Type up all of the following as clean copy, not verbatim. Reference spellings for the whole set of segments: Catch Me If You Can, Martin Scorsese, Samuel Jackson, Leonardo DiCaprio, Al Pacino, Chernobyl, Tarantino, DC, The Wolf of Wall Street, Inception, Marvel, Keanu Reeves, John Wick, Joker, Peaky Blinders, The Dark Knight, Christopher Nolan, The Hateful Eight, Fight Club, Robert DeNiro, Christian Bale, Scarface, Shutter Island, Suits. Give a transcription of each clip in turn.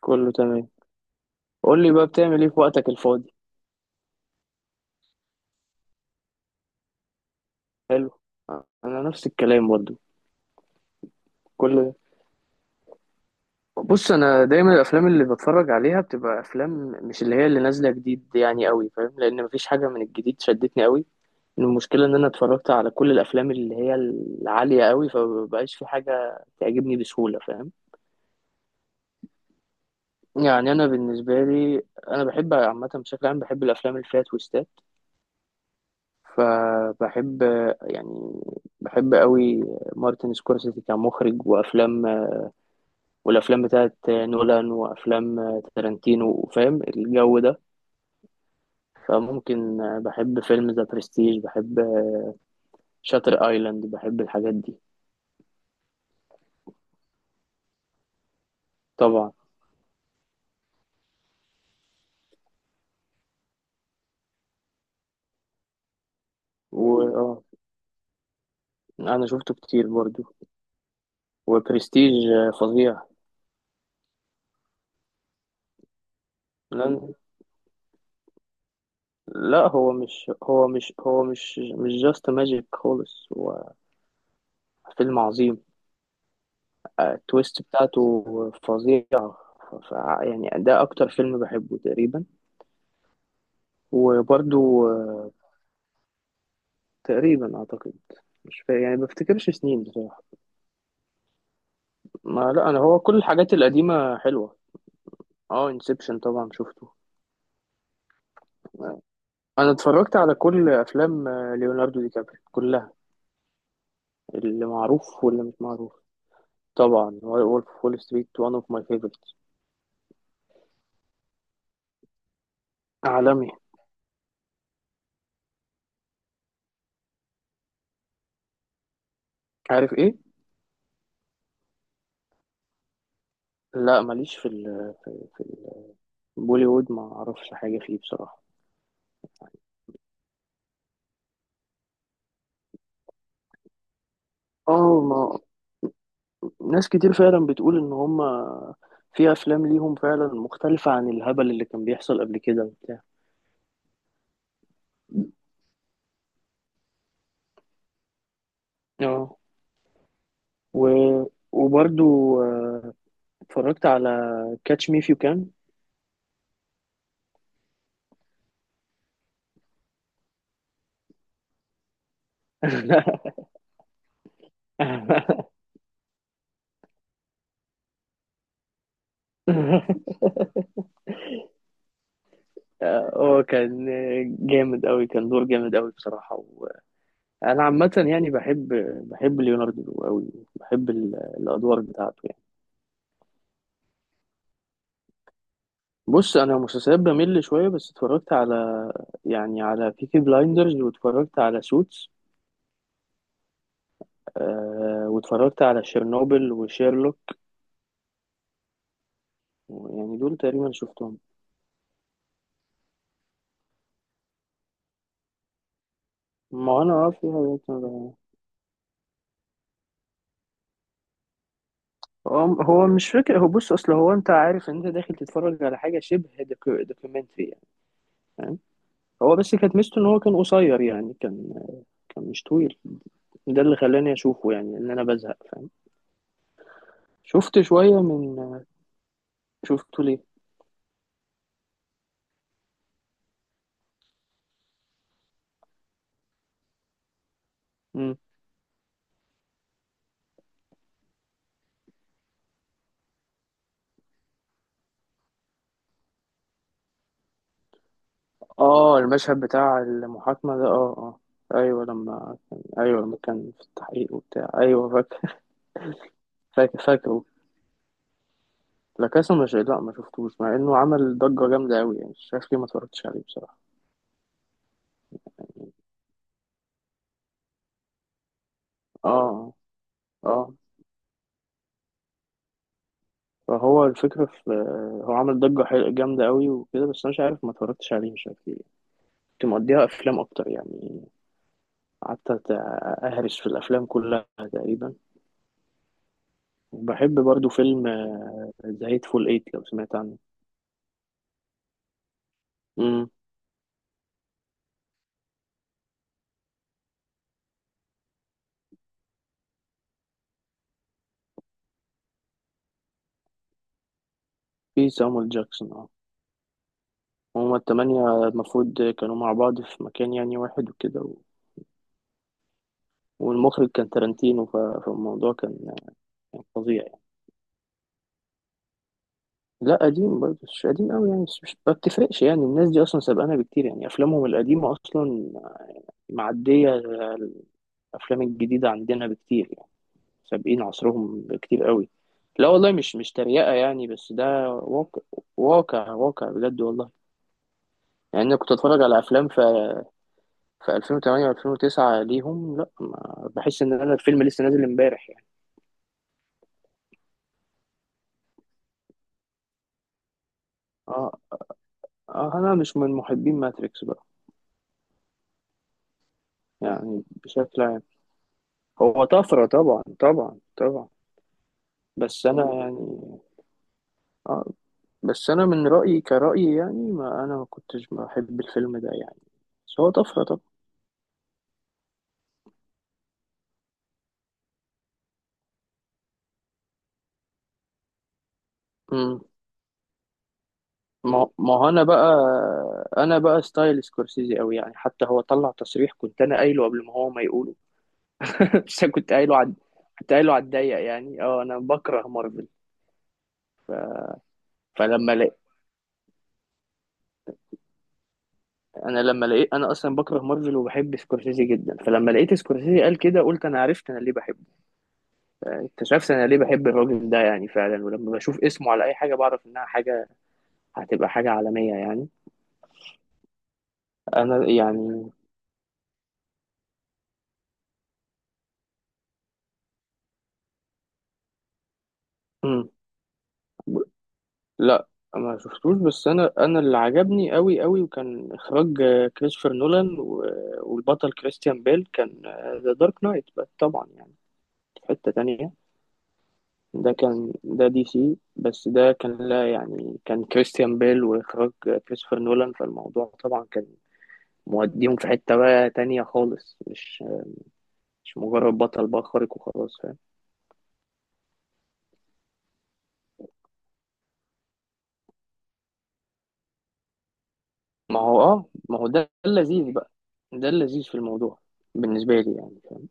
كله تمام. قول لي بقى بتعمل ايه في وقتك الفاضي؟ حلو. انا نفس الكلام برضو. كل بص انا دايما الافلام اللي بتفرج عليها بتبقى افلام، مش اللي هي اللي نازله جديد، قوي، فاهم؟ لان مفيش حاجه من الجديد شدتني قوي. المشكله ان انا اتفرجت على كل الافلام اللي هي العاليه قوي، فمبقاش في حاجه تعجبني بسهوله، فاهم؟ يعني انا بالنسبه لي، انا بحب عامه، بشكل عام بحب الافلام اللي فيها تويستات. فبحب يعني بحب قوي مارتن سكورسيزي كمخرج، وافلام، والافلام بتاعت نولان، وافلام تارانتينو، فاهم الجو ده؟ فممكن بحب فيلم ذا برستيج، بحب شاتر ايلاند، بحب الحاجات دي. طبعا. و اه انا شفته كتير برضو. وبرستيج فظيع. لأن- لا، هو مش جاست ماجيك خالص، هو فيلم عظيم. التويست بتاعته فظيعة. ف- يعني ده أكتر فيلم بحبه تقريبا. وبرضو تقريبا أعتقد. مش فا... يعني بفتكرش سنين بصراحة. ما لا، أنا هو كل الحاجات القديمة حلوة. اه، انسبشن طبعا شفته. أنا اتفرجت على كل أفلام ليوناردو دي كابري كلها، اللي معروف واللي مش معروف. طبعا وولف وول ستريت وان اوف ماي فيفورتس. عالمي. عارف ايه؟ لا ماليش في في البوليوود، ما اعرفش حاجة فيه بصراحة. اه ما ناس كتير فعلا بتقول ان هما في افلام ليهم فعلا مختلفة عن الهبل اللي كان بيحصل قبل كده وبتاع. اه. و... وبرضو آه، اتفرجت على كاتش مي فيو كان. اه، جامد قوي، كان دور جامد قوي بصراحة. وانا عامة يعني بحب، بحب ليوناردو قوي، بحب الادوار بتاعته يعني. بص انا مسلسلات بمل شوية، بس اتفرجت على، يعني على بيكي بلايندرز، واتفرجت على سوتس، آه، واتفرجت على شيرنوبل وشيرلوك، يعني دول تقريبا شفتهم. ما انا اه في حاجات ما- هو مش فكرة. بص، اصل هو انت عارف ان انت داخل تتفرج على حاجة شبه دوكيومنتري يعني، فاهم؟ هو بس كانت ميزته ان هو كان قصير يعني، كان كان مش طويل. ده اللي خلاني اشوفه يعني، ان انا بزهق، فاهم؟ شفت شوية من شفته ليه. مم. اه المشهد بتاع المحاكمة ده اه. اه ايوه، لما كان ايوه لما كان في التحقيق وبتاع، ايوه فاكر. فاكر. لا كاسا، مش لا ما شفتوش، مع انه عمل ضجة جامدة قوي يعني، شايف ليه ما اتفرجتش عليه بصراحة. اه. اه. فهو الفكرة في، هو عمل ضجة جامدة قوي وكده، بس انا مش عارف ما اتفرجتش عليه، مش عارف ليه. كنت مقضيها افلام اكتر يعني. قعدت أت- اهرس في الافلام كلها تقريبا. وبحب برضو فيلم ذا هيتفول ايت، لو سمعت عنه. امم. في سامويل جاكسون اه. هما التمانية المفروض كانوا مع بعض في مكان يعني، واحد وكده والمخرج كان تارانتينو، فالموضوع كان فظيع. لا قديم برضه، مش قديم قوي يعني، بس مش ما بتفرقش يعني، الناس دي اصلا سابقانا بكتير يعني، افلامهم القديمه اصلا معديه الافلام الجديده عندنا بكتير يعني، سابقين عصرهم بكتير قوي. لا والله، مش تريقه يعني، بس ده واقع. واقع بجد والله. يعني انا كنت اتفرج على افلام في 2008 و2009 ليهم، لا ما بحس ان انا الفيلم لسه نازل امبارح يعني. اه. اه انا مش من محبين ماتريكس بقى، يعني بشكل عام. هو طفره طبعا، طبعا. بس انا يعني، اه، بس انا من رايي كرايي يعني، ما انا ما كنتش بحب الفيلم ده يعني، بس هو طفره طبعا. امم. ما ما هو انا بقى انا بقى ستايل سكورسيزي قوي يعني، حتى هو طلع تصريح كنت انا قايله قبل ما هو ما يقوله. بس أنا كنت كنت قايله على الضيق يعني، اه انا بكره مارفل. فلما لقيت انا لما لقيت انا اصلا بكره مارفل وبحب سكورسيزي جدا، فلما لقيت سكورسيزي قال كده قلت انا عرفت انا ليه بحبه. اكتشفت انا ليه بحب الراجل ده يعني فعلا، ولما بشوف اسمه على اي حاجه بعرف انها حاجه هتبقى حاجة عالمية يعني. انا يعني. مم. ب- لا ما شفتوش. بس انا اللي عجبني قوي قوي وكان اخراج كريستوفر نولان والبطل كريستيان بيل، كان ذا دارك نايت طبعا يعني. في حتة تانية. ده كان ده دي سي، بس ده كان لا يعني، كان كريستيان بيل واخراج كريستوفر نولان، فالموضوع طبعا كان موديهم في حتة بقى تانية خالص، مش مجرد بطل بقى خارق وخلاص. ما هو ده اللذيذ بقى، ده اللذيذ في الموضوع بالنسبة لي يعني، فاهم؟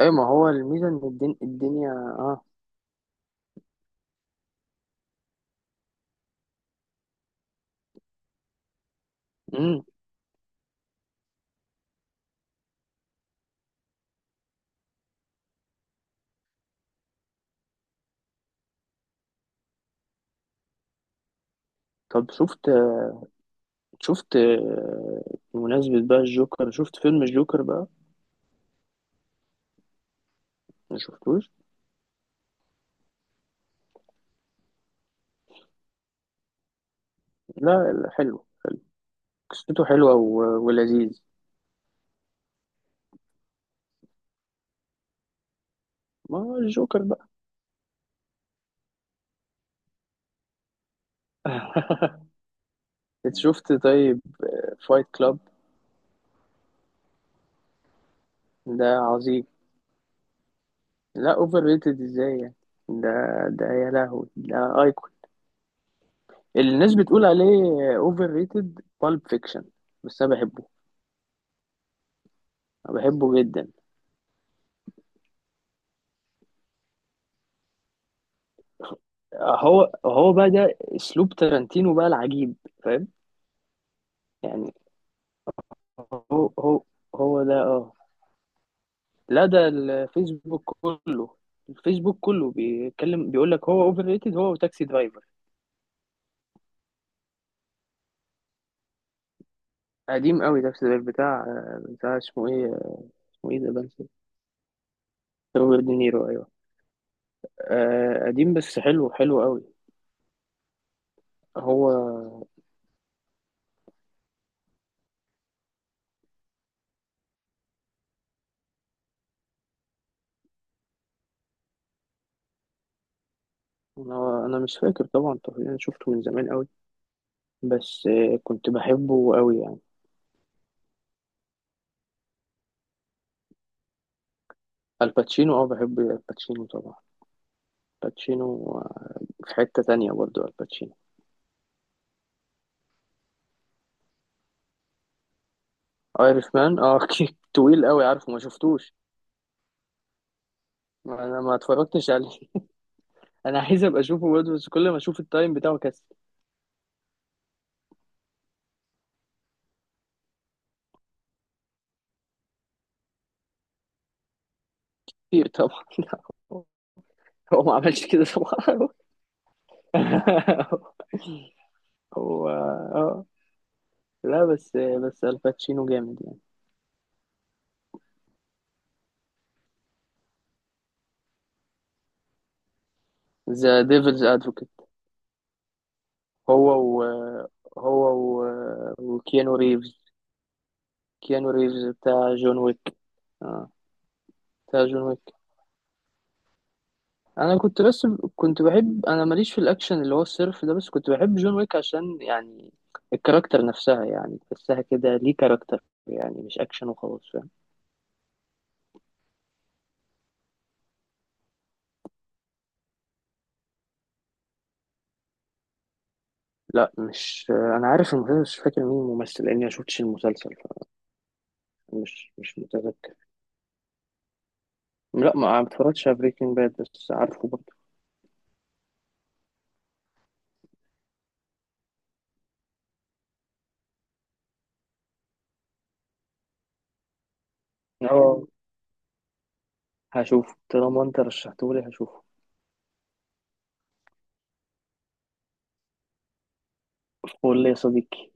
اي ما هو الميزة ان الدنيا اه. امم. طب شفت شفت بمناسبة بقى الجوكر، شفت فيلم الجوكر بقى؟ ما شفتوش. لا، حلو. قصته حلوة ولذيذ. ما هو الجوكر بقى. انت شفت طيب فايت كلاب؟ ده عظيم. لا اوفر ريتد ازاي يعني؟ ده ده يا لهوي ده ايقونة. الناس بتقول عليه اوفر ريتد بالب فيكشن، بس انا بحبه. انا بحبه جدا. هو هو بقى ده اسلوب تارانتينو بقى العجيب، فاهم؟ يعني هو هو هو ده اه. لا، ده الفيسبوك كله، بيتكلم بيقول لك هو اوفر ريتد، هو وتاكسي درايفر. قديم قوي تاكسي درايفر، بتاع اسمه ايه، اسمه ايه ده بنسى. روبرت دينيرو ايوه، قديم بس حلو، حلو قوي. هو انا انا مش فاكر طبعا. طب انا شفته من زمان قوي، بس كنت بحبه قوي يعني. الباتشينو اه، بحب الباتشينو طبعا. الباتشينو في حتة تانية برضو الباتشينو. ايرش مان اه. أوكي. طويل قوي، عارفه ما شفتوش. انا ما اتفرجتش عليه. انا عايز ابقى اشوفه برضه، بس كل ما اشوف التايم بتاعه كسر. كتير طبعا. لا، هو هو ما عملش كده طبعا. هو اه لا، بس بس الباتشينو جامد يعني. ذا ديفلز ادفوكيت. هو و هو و وكيانو ريفز. كيانو ريفز بتاع جون ويك. اه بتاع جون ويك. انا كنت بس كنت بحب، انا ماليش في الاكشن اللي هو الصرف ده، بس كنت بحب جون ويك عشان يعني الكاركتر نفسها يعني، تحسها كده ليه كاركتر يعني، مش اكشن وخلاص، فاهم؟ لا مش انا عارف المسلسل، مش فاكر مين الممثل لاني ما شفتش المسلسل، مش متذكر. لا ما اتفرجتش على بريكنج باد، بس عارفه برضه. اه هشوفه، طالما انت رشحتهولي هشوفه. قول لي يا صديقي.